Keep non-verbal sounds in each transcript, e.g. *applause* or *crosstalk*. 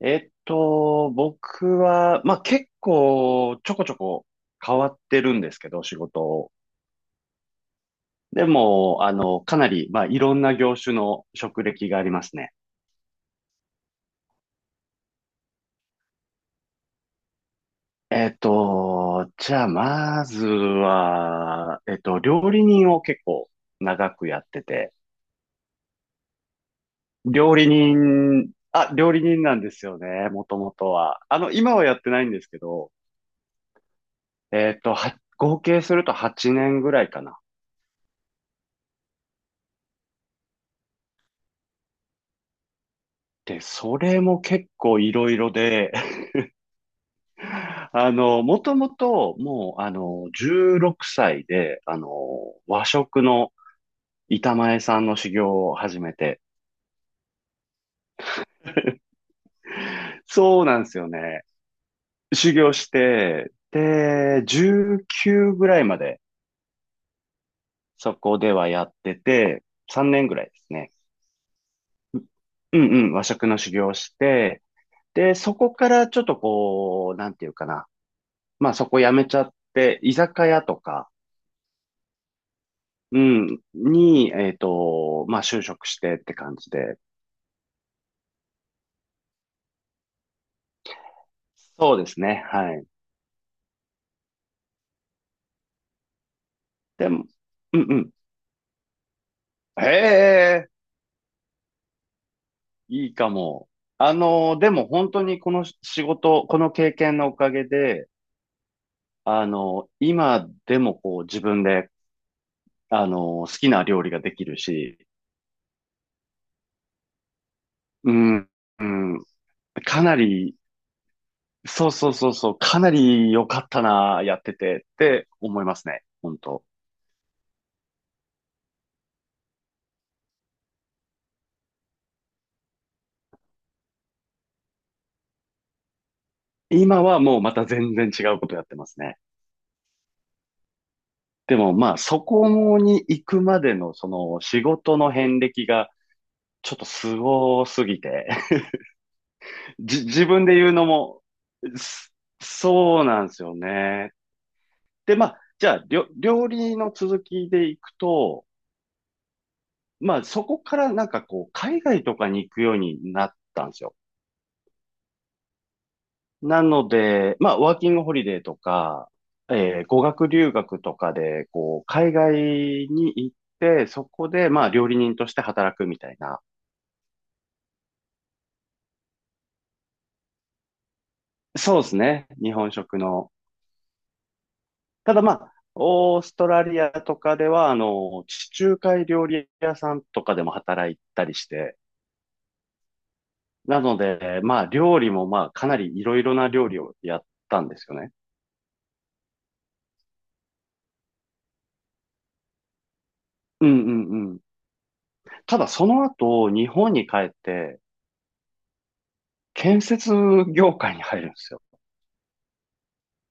僕は、まあ、結構ちょこちょこ変わってるんですけど、仕事を。でも、かなり、まあ、いろんな業種の職歴がありますね。じゃあ、まずは、料理人を結構長くやってて、料理人なんですよね、もともとは。今はやってないんですけど、合計すると8年ぐらいかな。で、それも結構いろいろで、あの、もともと、もう、あの、16歳で、和食の板前さんの修行を始めて、そうなんですよね。修行して、で、19ぐらいまで、そこではやってて、3年ぐらいですね。うんうん、和食の修行をして、で、そこからちょっとこう、なんていうかな。まあ、そこ辞めちゃって、居酒屋とか、うん、に、まあ、就職してって感じで、そうですね。はい。でも、うんうん。へえ、いいかも。でも本当にこの仕事、この経験のおかげで、今でもこう自分で、あの、好きな料理ができるし、うん、うん、かなり、そうそうそうそう、かなり良かったな、やっててって思いますね。本当。今はもうまた全然違うことやってますね。でもまあ、そこに行くまでのその仕事の遍歴が、ちょっとすごすぎて、*laughs* 自分で言うのも、すそうなんですよね。で、まあ、じゃあ、料理の続きでいくと、まあ、そこからなんかこう、海外とかに行くようになったんですよ。なので、まあ、ワーキングホリデーとか、語学留学とかで、こう、海外に行って、そこで、まあ、料理人として働くみたいな。そうですね。日本食の。ただまあ、オーストラリアとかでは、地中海料理屋さんとかでも働いたりして、なので、まあ、料理もまあ、かなりいろいろな料理をやったんですよね。うんうんうん。ただ、その後、日本に帰って、建設業界に入るんですよ。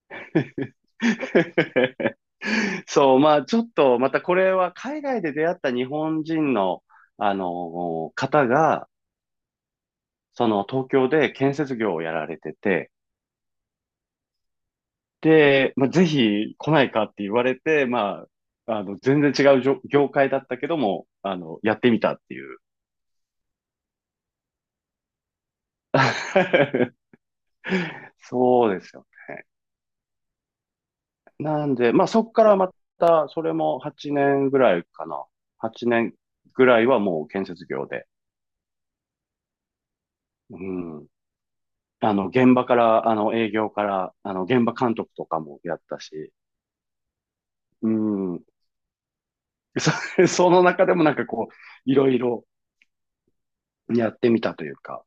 *laughs* そう、まあ、ちょっと、またこれは海外で出会った日本人の、方が、その東京で建設業をやられてて、で、まあ、ぜひ来ないかって言われて、まあ、全然違う業界だったけども、やってみたっていう。*laughs* そうですよね。なんで、まあ、そっからまた、それも8年ぐらいかな。8年ぐらいはもう建設業で。うん。現場から、営業から、現場監督とかもやったし、うん。そ、*laughs* その中でもなんかこう、いろいろやってみたというか、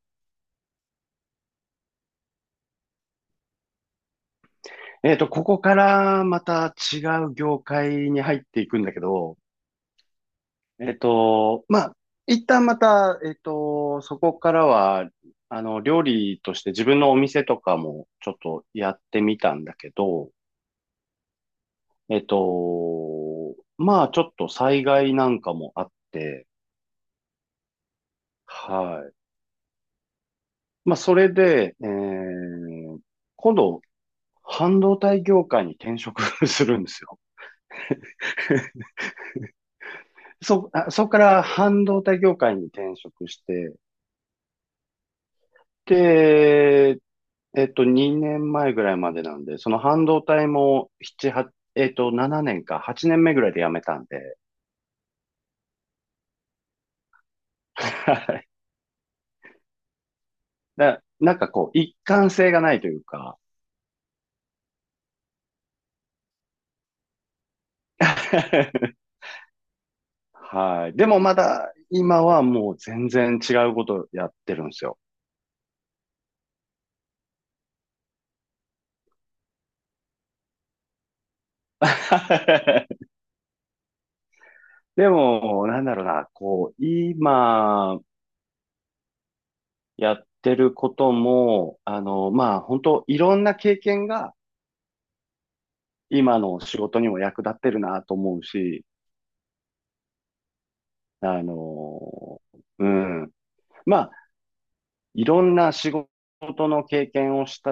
ここからまた違う業界に入っていくんだけど、まあ、一旦また、そこからは、料理として自分のお店とかもちょっとやってみたんだけど、まあ、ちょっと災害なんかもあって、はい。まあ、それで、今度、半導体業界に転職 *laughs* するんですよ。*laughs* そこから半導体業界に転職して、で、2年前ぐらいまでなんで、その半導体も7、8、7年か、8年目ぐらいで辞めたんで、*laughs* はい。なんかこう、一貫性がないというか、*laughs* はい。でもまだ、今はもう全然違うことやってるんですよ。*laughs* でも、なんだろうな、こう、今やってることも、まあ、本当いろんな経験が、今の仕事にも役立ってるなと思うし、あの、うん。まあ、いろんな仕事の経験をした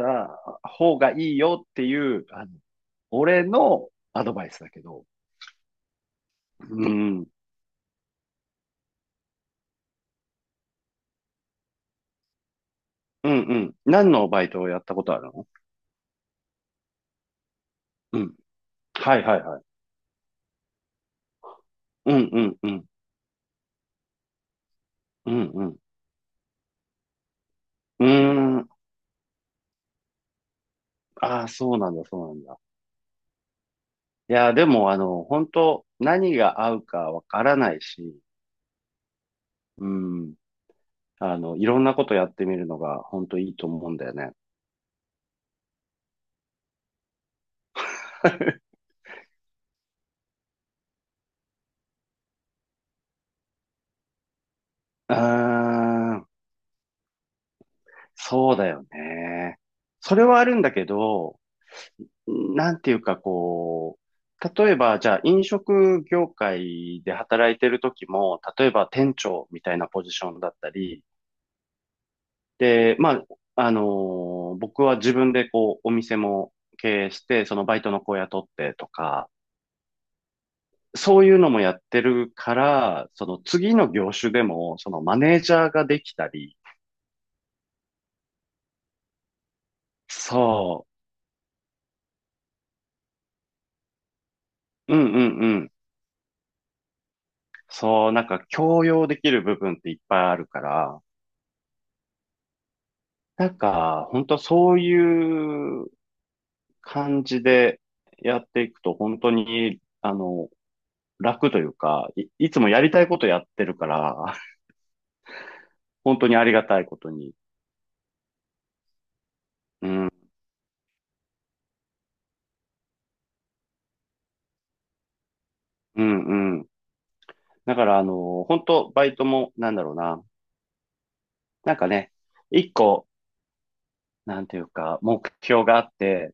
方がいいよっていう、俺のアドバイスだけど、うん、うん、うん。何のバイトをやったことあるの？うん。はいはいはい。うん、うん、うん、うん、うん。うーん。ああ、そうなんだ、そうなんだ。いや、でも、本当何が合うかわからないし、うん。いろんなことやってみるのが本当いいと思うんだよね。*laughs* うーん、そうだよね。それはあるんだけど、なんていうかこう、例えば、じゃあ飲食業界で働いてる時も、例えば店長みたいなポジションだったり、で、まあ、あの僕は自分でこう、お店も経営して、そのバイトの子雇ってとか、そういうのもやってるから、その次の業種でも、そのマネージャーができたり、そう、うんうんうん。そう、なんか強要できる部分っていっぱいあるから、なんか、本当そういう感じでやっていくと、本当に、楽というか、いつもやりたいことやってるから、*laughs* 本当にありがたいことに。うん、うん、うん。だから、本当バイトも、なんだろうな。なんかね、一個なんていうか、目標があって、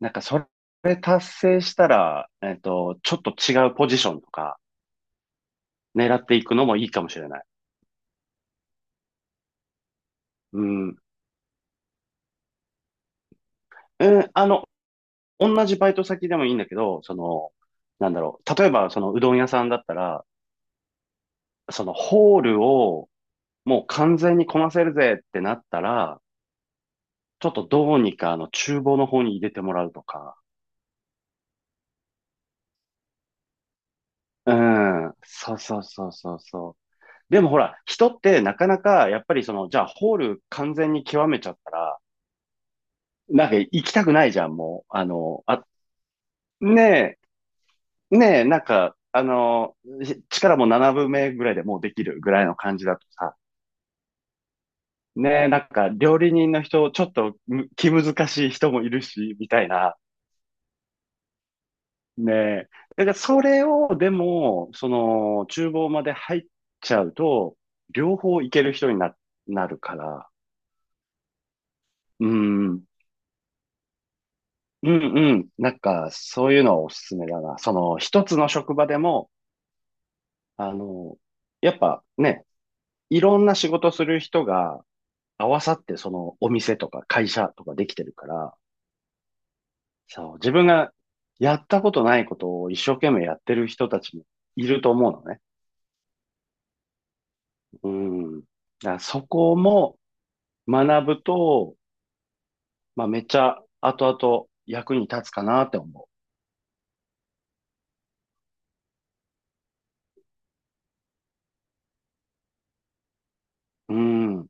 なんかそれ達成したら、ちょっと違うポジションとか狙っていくのもいいかもしれない。うん。うん、同じバイト先でもいいんだけど、その、なんだろう。例えば、そのうどん屋さんだったら、そのホールをもう完全にこなせるぜってなったら、ちょっとどうにかあの厨房の方に入れてもらうとか。うん。そうそうそうそうそう。でもほら、人ってなかなか、やっぱりその、じゃあホール完全に極めちゃったら、なんか行きたくないじゃん、もう。ねえ、ねえ、なんか、し力も7分目ぐらいでもうできるぐらいの感じだとさ、ねえ、なんか料理人の人、ちょっと気難しい人もいるし、みたいな。ねえ。だからそれを、でも、その、厨房まで入っちゃうと、両方いける人になるから。うん。うんうん。なんか、そういうのはおすすめだな。その、一つの職場でも、あの、やっぱね、いろんな仕事する人が合わさって、その、お店とか会社とかできてるから、そう、自分がやったことないことを一生懸命やってる人たちもいると思うのね。うん。だからそこも学ぶと、まあ、めっちゃ後々役に立つかなって思う。うん。